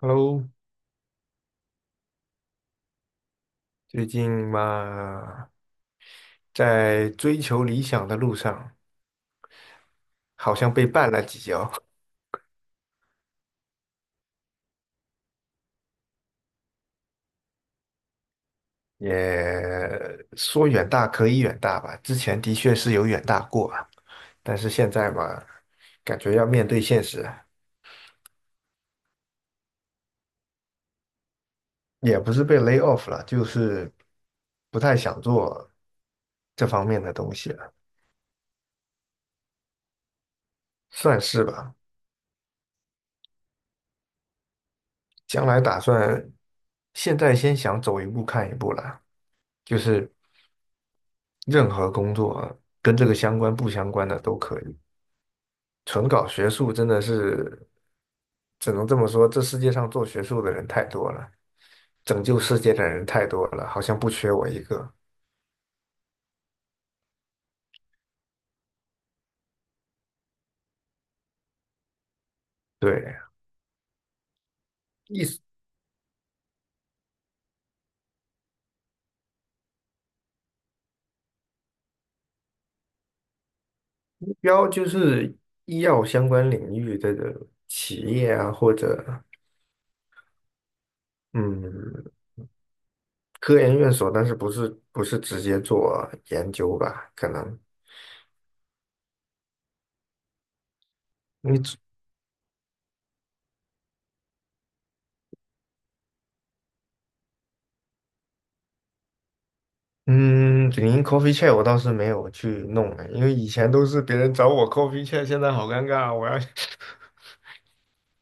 Hello，最近嘛，在追求理想的路上，好像被绊了几跤。也说远大可以远大吧，之前的确是有远大过啊，但是现在嘛，感觉要面对现实，也不是被 lay off 了，就是不太想做这方面的东西了，算是吧。将来打算现在先想走一步看一步了，就是。任何工作啊跟这个相关不相关的都可以。纯搞学术真的是，只能这么说，这世界上做学术的人太多了，拯救世界的人太多了，好像不缺我一个。对，一目标就是医药相关领域的企业啊，或者嗯科研院所，但是不是直接做研究吧？可能。嗯，领英 coffee chat 我倒是没有去弄哎，因为以前都是别人找我 coffee chat，现在好尴尬，我要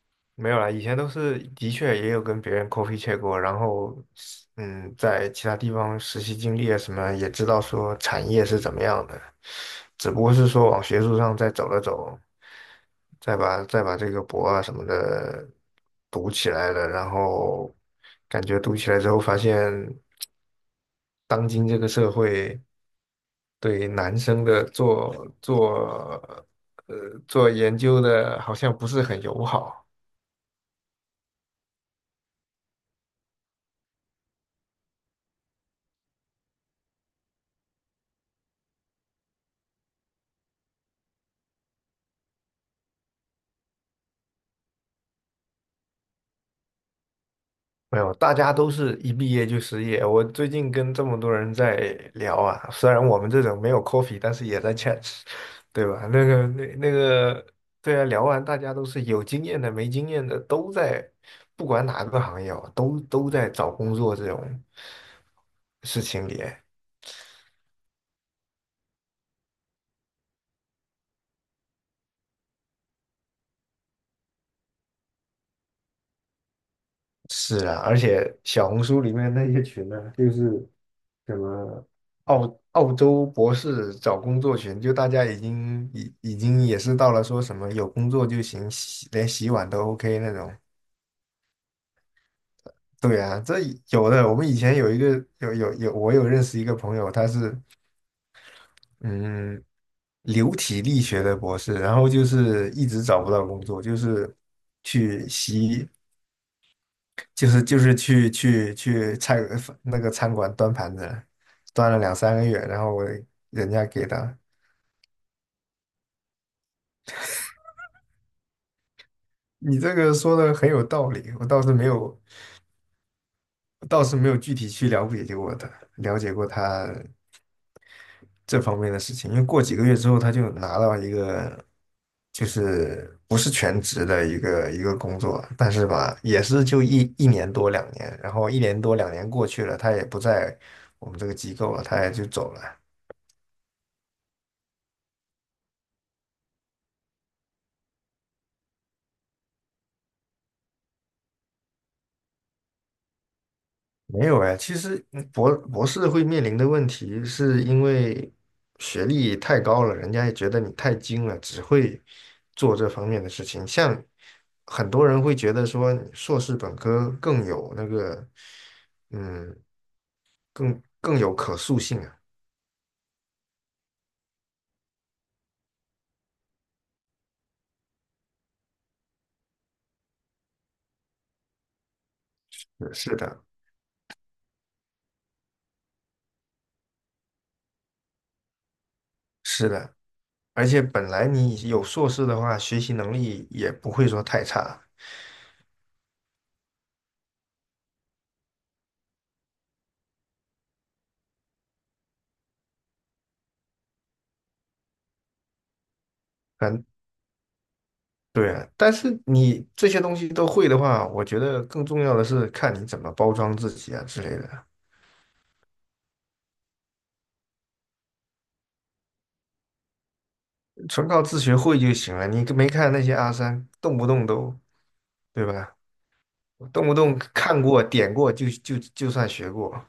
没有啦，以前都是的确也有跟别人 coffee chat 过，然后在其他地方实习经历啊什么，也知道说产业是怎么样的，只不过是说往学术上再走了走，再把这个博啊什么的读起来了，然后感觉读起来之后发现。当今这个社会对男生的做研究的，好像不是很友好。没有，大家都是一毕业就失业。我最近跟这么多人在聊啊，虽然我们这种没有 coffee，但是也在 chat，对吧？对啊，聊完大家都是有经验的、没经验的，都在，不管哪个行业哦，都在找工作这种事情里。是啊，而且小红书里面那些群呢、就是什么澳洲博士找工作群，就大家已经也是到了说什么有工作就行，连洗碗都 OK 那种。对啊，这有的。我们以前有一个。有有有，我有认识一个朋友，他是嗯流体力学的博士，然后就是一直找不到工作，就是去洗。就是去那个餐馆端盘子，端了两三个月，然后人家给的。你这个说的很有道理，我倒是没有，我倒是没有具体去了解过他，了解过他这方面的事情。因为过几个月之后，他就拿到一个就是不是全职的一个工作，但是吧，也是就一年多两年，然后一年多两年过去了，他也不在我们这个机构了，他也就走了。没有哎，其实博士会面临的问题，是因为学历太高了，人家也觉得你太精了，只会做这方面的事情。像很多人会觉得说，硕士本科更有那个，嗯，更有可塑性啊。是是的，是的，而且本来你有硕士的话，学习能力也不会说太差。反对，但是你这些东西都会的话，我觉得更重要的是看你怎么包装自己啊之类的，纯靠自学会就行了。你没看那些阿三，动不动都，对吧？动不动看过、点过就算学过。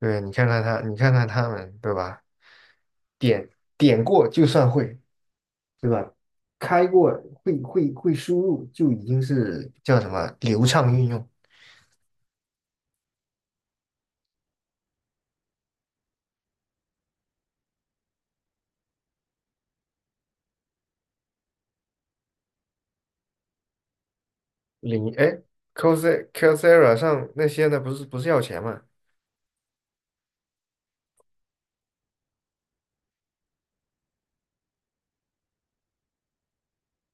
对，你看看他，你看看他们，对吧？点点过就算会，对吧？开过会输入就已经是叫什么流畅运用。领哎 Coursera 上那些呢，不是要钱吗？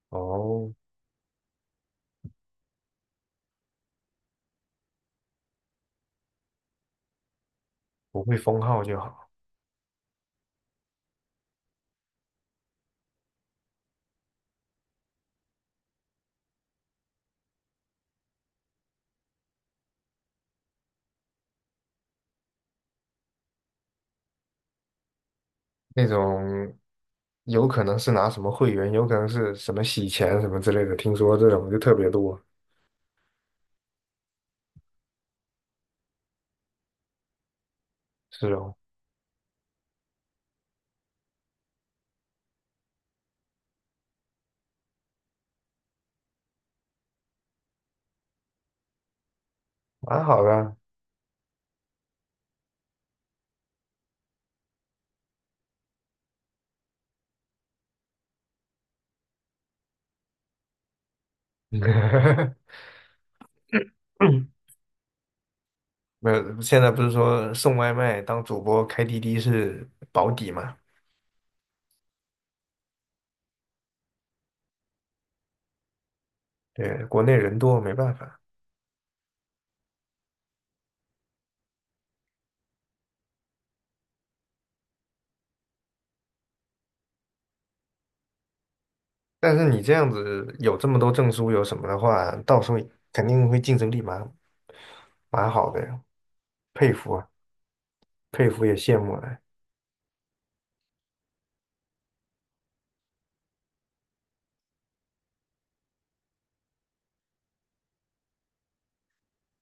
哦，不会封号就好。那种有可能是拿什么会员，有可能是什么洗钱什么之类的，听说这种就特别多。是哦，蛮好的啊。没有，现在不是说送外卖当主播开滴滴是保底嘛？对，国内人多没办法。但是你这样子有这么多证书有什么的话，到时候肯定会竞争力蛮好的。佩服啊，佩服也羡慕了。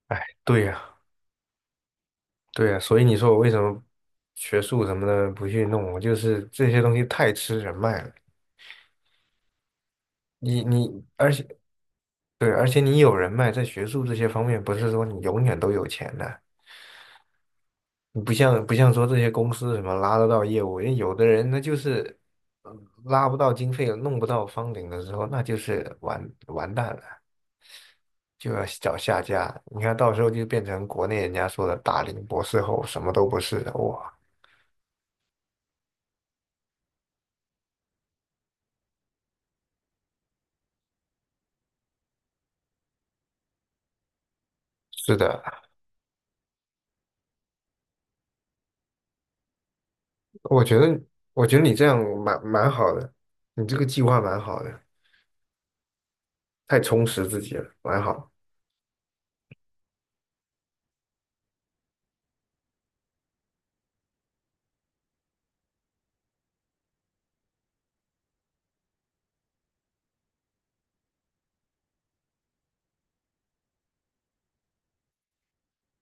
哎，对呀，对呀，所以你说我为什么学术什么的不去弄？我就是这些东西太吃人脉了。你你，而且对，而且你有人脉，在学术这些方面，不是说你永远都有钱的。你不像说这些公司什么拉得到业务，因为有的人那就是拉不到经费，弄不到方顶的时候，那就是完蛋了，就要找下家。你看到时候就变成国内人家说的大龄博士后，什么都不是，的，哇。是的，我觉得，我觉得你这样蛮好的，你这个计划蛮好的，太充实自己了，蛮好，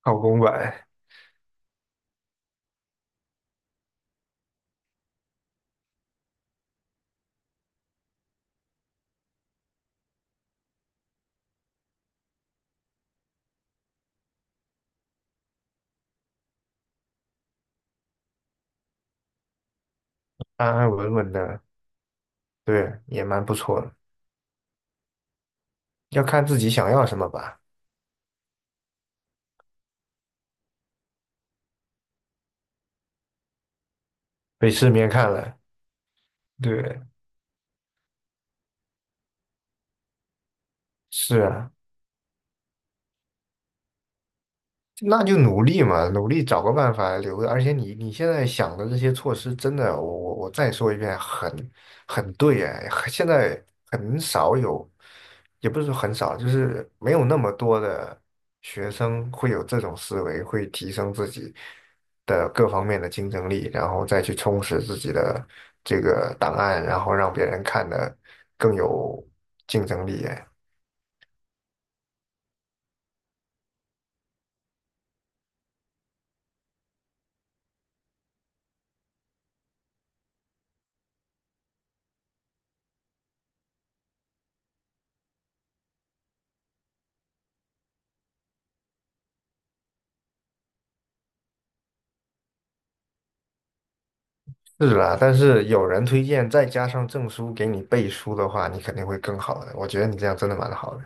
靠公馆，安安稳稳的，对，也蛮不错的。要看自己想要什么吧，被世面看了，对，是啊。那就努力嘛，努力找个办法留着。而且你现在想的这些措施，真的，我再说一遍，很对哎，现在很少有，也不是说很少，就是没有那么多的学生会有这种思维，会提升自己的各方面的竞争力，然后再去充实自己的这个档案，然后让别人看的更有竞争力哎。是啦，但是有人推荐，再加上证书给你背书的话，你肯定会更好的。我觉得你这样真的蛮好的，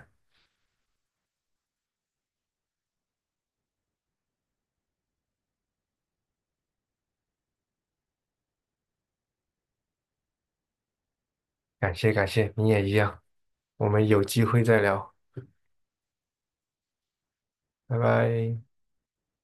感谢感谢，你也一样。我们有机会再聊，拜拜。